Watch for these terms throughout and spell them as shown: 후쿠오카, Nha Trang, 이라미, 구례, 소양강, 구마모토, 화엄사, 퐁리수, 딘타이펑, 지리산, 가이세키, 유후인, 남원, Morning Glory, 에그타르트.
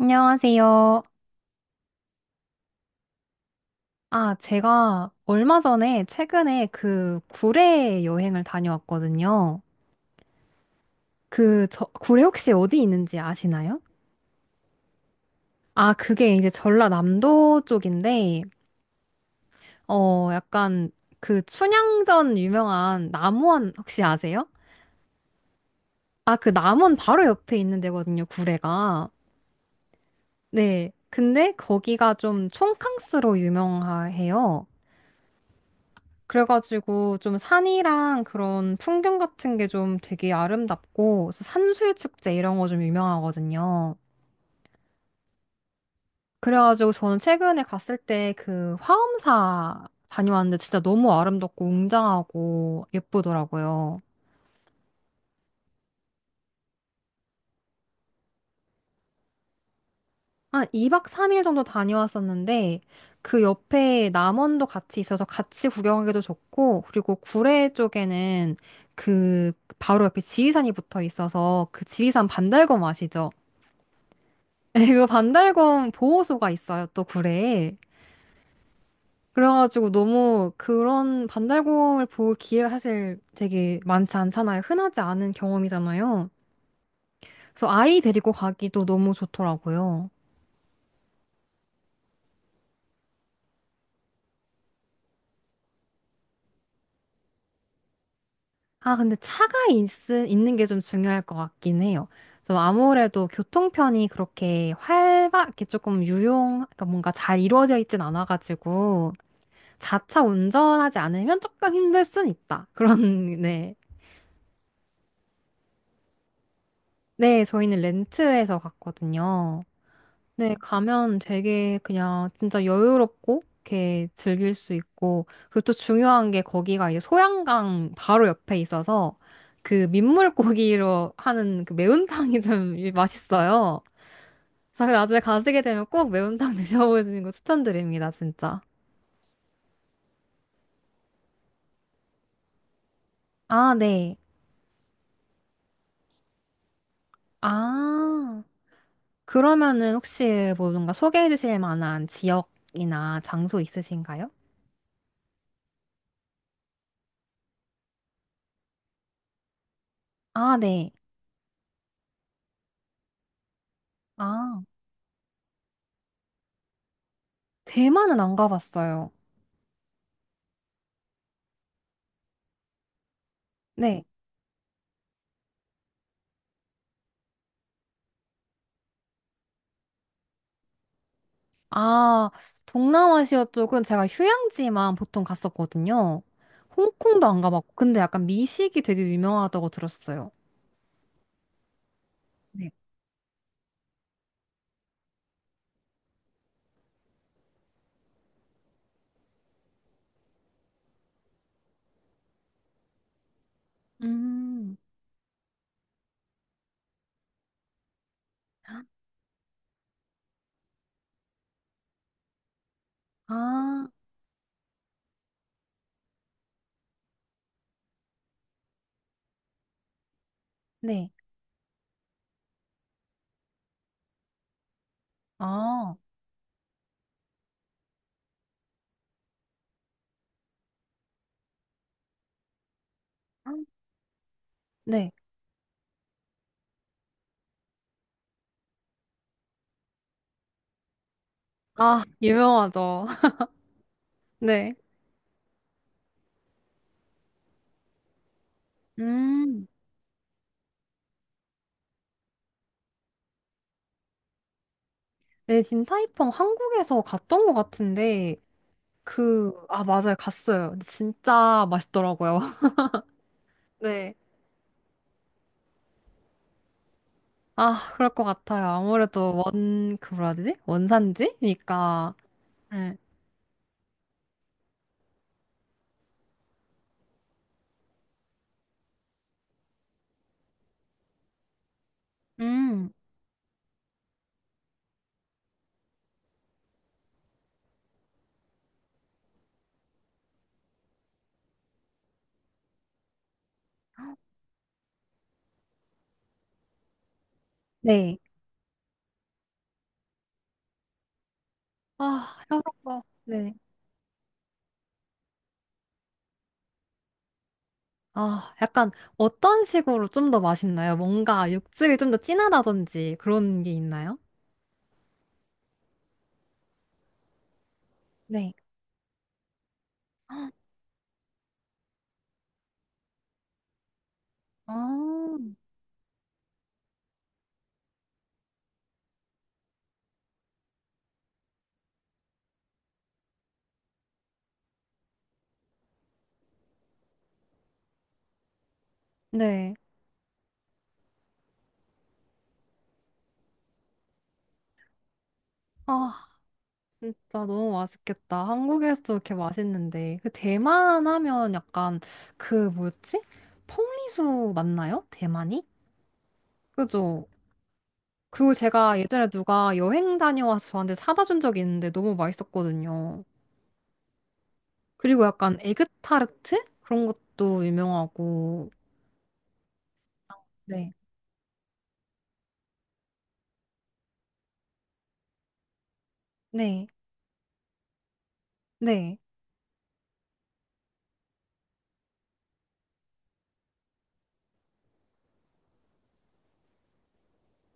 안녕하세요. 제가 얼마 전에 최근에 그 구례 여행을 다녀왔거든요. 구례 혹시 어디 있는지 아시나요? 아, 그게 이제 전라남도 쪽인데, 약간 그 춘향전 유명한 남원 혹시 아세요? 아, 그 남원 바로 옆에 있는 데거든요, 구례가. 네. 근데 거기가 좀 촌캉스로 유명해요. 그래가지고 좀 산이랑 그런 풍경 같은 게 좀 되게 아름답고 산수유축제 이런 거 좀 유명하거든요. 그래가지고 저는 최근에 갔을 때 그 화엄사 다녀왔는데 진짜 너무 아름답고 웅장하고 예쁘더라고요. 한 2박 3일 정도 다녀왔었는데 그 옆에 남원도 같이 있어서 같이 구경하기도 좋고 그리고 구례 쪽에는 그 바로 옆에 지리산이 붙어 있어서 그 지리산 반달곰 아시죠? 그 반달곰 보호소가 있어요, 또 굴에. 그래가지고 너무 그런 반달곰을 볼 기회가 사실 되게 많지 않잖아요. 흔하지 않은 경험이잖아요. 그래서 아이 데리고 가기도 너무 좋더라고요. 아, 있는 게 좀 중요할 것 같긴 해요. 좀 아무래도 교통편이 그렇게 활발하게 조금 그러니까 뭔가 잘 이루어져 있진 않아가지고 자차 운전하지 않으면 조금 힘들 순 있다. 그런, 네. 네, 저희는 렌트해서 갔거든요. 네, 가면 되게 그냥 진짜 여유롭고 이렇게 즐길 수 있고 그리고 또 중요한 게 거기가 이제 소양강 바로 옆에 있어서 그 민물고기로 하는 그 매운탕이 좀 맛있어요. 그래서 나중에 가시게 되면 꼭 매운탕 드셔보시는 거 추천드립니다, 진짜. 아, 네. 아, 그러면은 혹시 뭐 뭔가 소개해 주실 만한 지역이나 장소 있으신가요? 아, 네. 아. 대만은 안 가봤어요. 네. 아, 동남아시아 쪽은 제가 휴양지만 보통 갔었거든요. 홍콩도 안 가봤고, 근데 약간 미식이 되게 유명하다고 들었어요. 네. 음. 아, 네. 아, 네. 아, 유명하죠. 네. 음. 네, 딘타이펑 한국에서 갔던 것 같은데, 아, 맞아요. 갔어요. 근데 진짜 맛있더라고요. 네. 아, 그럴 것 같아요. 아무래도 그 뭐라 해야 되지? 원산지니까. 네. 음, 네. 아, 협업 네. 아, 약간 어떤 식으로 좀 더 맛있나요? 뭔가 육즙이 좀 더 진하다든지 그런 게 있나요? 네. 헉, 아, 네. 아, 진짜 너무 맛있겠다. 한국에서도 이렇게 맛있는데. 그 대만 하면 약간 그 뭐였지? 퐁리수 맞나요? 대만이? 그죠? 그리고 제가 예전에 누가 여행 다녀와서 저한테 사다 준 적이 있는데 너무 맛있었거든요. 그리고 약간 에그타르트? 그런 것도 유명하고. 네. 네. 네.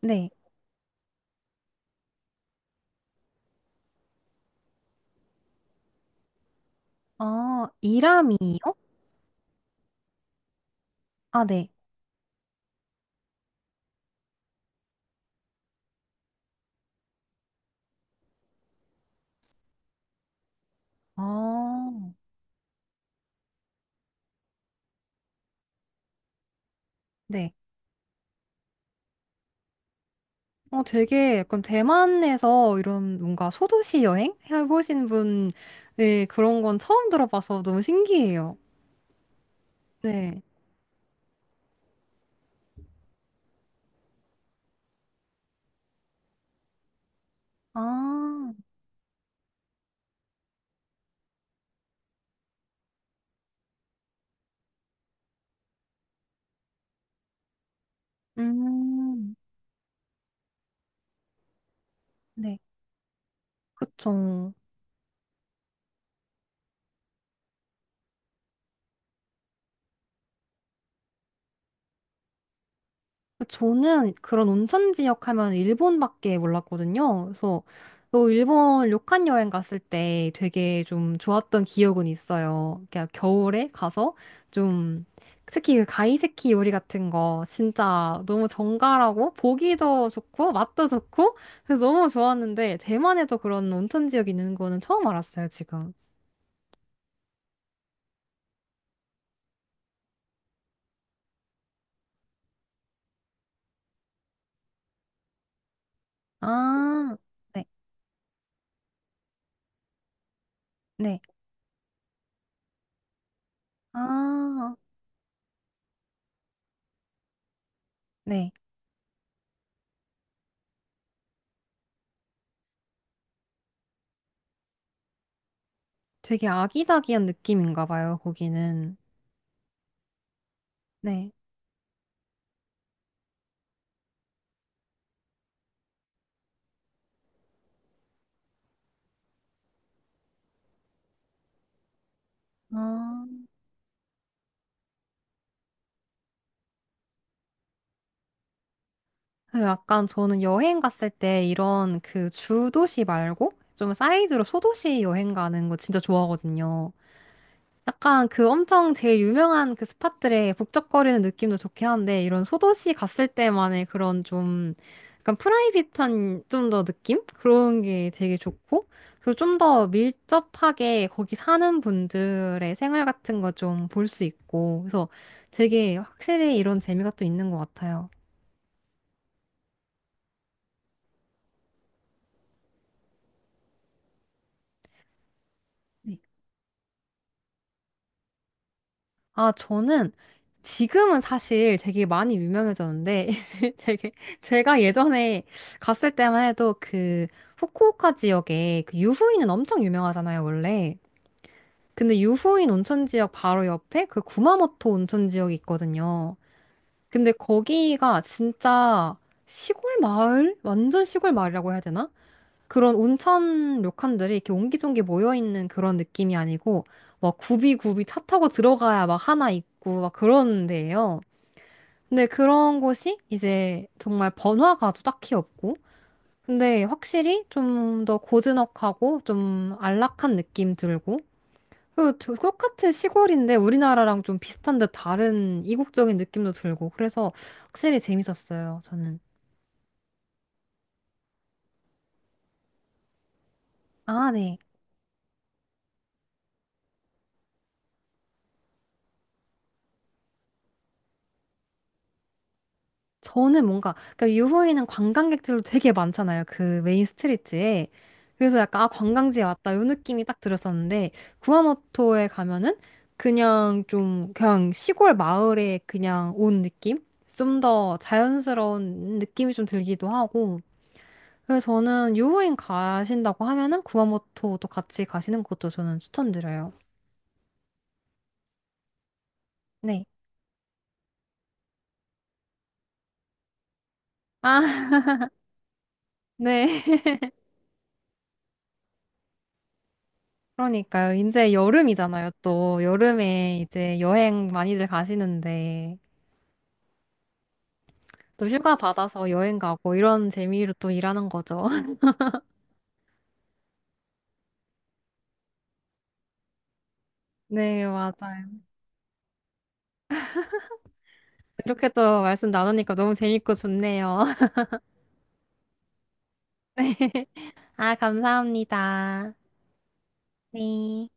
네. 아, 이라미요? 아, 네. 아, 네. 되게 약간 대만에서 이런 뭔가 소도시 여행 해보신 분, 네, 그런 건 처음 들어봐서 너무 신기해요. 네. 아, 음, 네. 그쵸. 저는 그런 온천 지역 하면 일본밖에 몰랐거든요. 그래서 또 일본 료칸 여행 갔을 때 되게 좀 좋았던 기억은 있어요. 그러니까 겨울에 가서 좀 특히 그 가이세키 요리 같은 거 진짜 너무 정갈하고 보기도 좋고 맛도 좋고 그래서 너무 좋았는데 대만에도 그런 온천 지역이 있는 거는 처음 알았어요, 지금. 아, 네, 네. 아, 네. 되게 아기자기한 느낌인가 봐요, 거기는. 네. 아, 그 약간 저는 여행 갔을 때 이런 그 주도시 말고 좀 사이드로 소도시 여행 가는 거 진짜 좋아하거든요. 약간 그 엄청 제일 유명한 그 스팟들의 북적거리는 느낌도 좋긴 한데 이런 소도시 갔을 때만의 그런 좀 약간 프라이빗한 좀 더 느낌? 그런 게 되게 좋고 그리고 좀 더 밀접하게 거기 사는 분들의 생활 같은 거 좀 볼 수 있고 그래서 되게 확실히 이런 재미가 또 있는 것 같아요. 네. 아, 저는 지금은 사실 되게 많이 유명해졌는데, 되게, 제가 예전에 갔을 때만 해도 그 후쿠오카 지역에 그 유후인은 엄청 유명하잖아요, 원래. 근데 유후인 온천 지역 바로 옆에 그 구마모토 온천 지역이 있거든요. 근데 거기가 진짜 시골 마을? 완전 시골 마을이라고 해야 되나? 그런 온천 료칸들이 이렇게 옹기종기 모여있는 그런 느낌이 아니고, 막 굽이굽이 차 타고 들어가야 막 하나 있고, 막 그런 데예요. 근데 그런 곳이 이제 정말 번화가도 딱히 없고, 근데 확실히 좀 더 고즈넉하고, 좀 안락한 느낌 들고, 그 똑같은 시골인데 우리나라랑 좀 비슷한 듯 다른 이국적인 느낌도 들고, 그래서 확실히 재밌었어요, 저는. 아, 네. 저는 뭔가 그러니까 유후에는 관광객들도 되게 많잖아요. 그 메인 스트리트에. 그래서 약간 아 관광지에 왔다 요 느낌이 딱 들었었는데 구아모토에 가면은 그냥 좀 그냥 시골 마을에 그냥 온 느낌? 좀 더 자연스러운 느낌이 좀 들기도 하고 그래서 저는 유후인 가신다고 하면은 구아모토도 같이 가시는 것도 저는 추천드려요. 네. 아, 네. 그러니까요. 이제 여름이잖아요. 또 여름에 이제 여행 많이들 가시는데 또 휴가 받아서 여행 가고 이런 재미로 또 일하는 거죠. 네, 맞아요. 이렇게 또 말씀 나누니까 너무 재밌고 좋네요. 네. 아, 감사합니다. 네.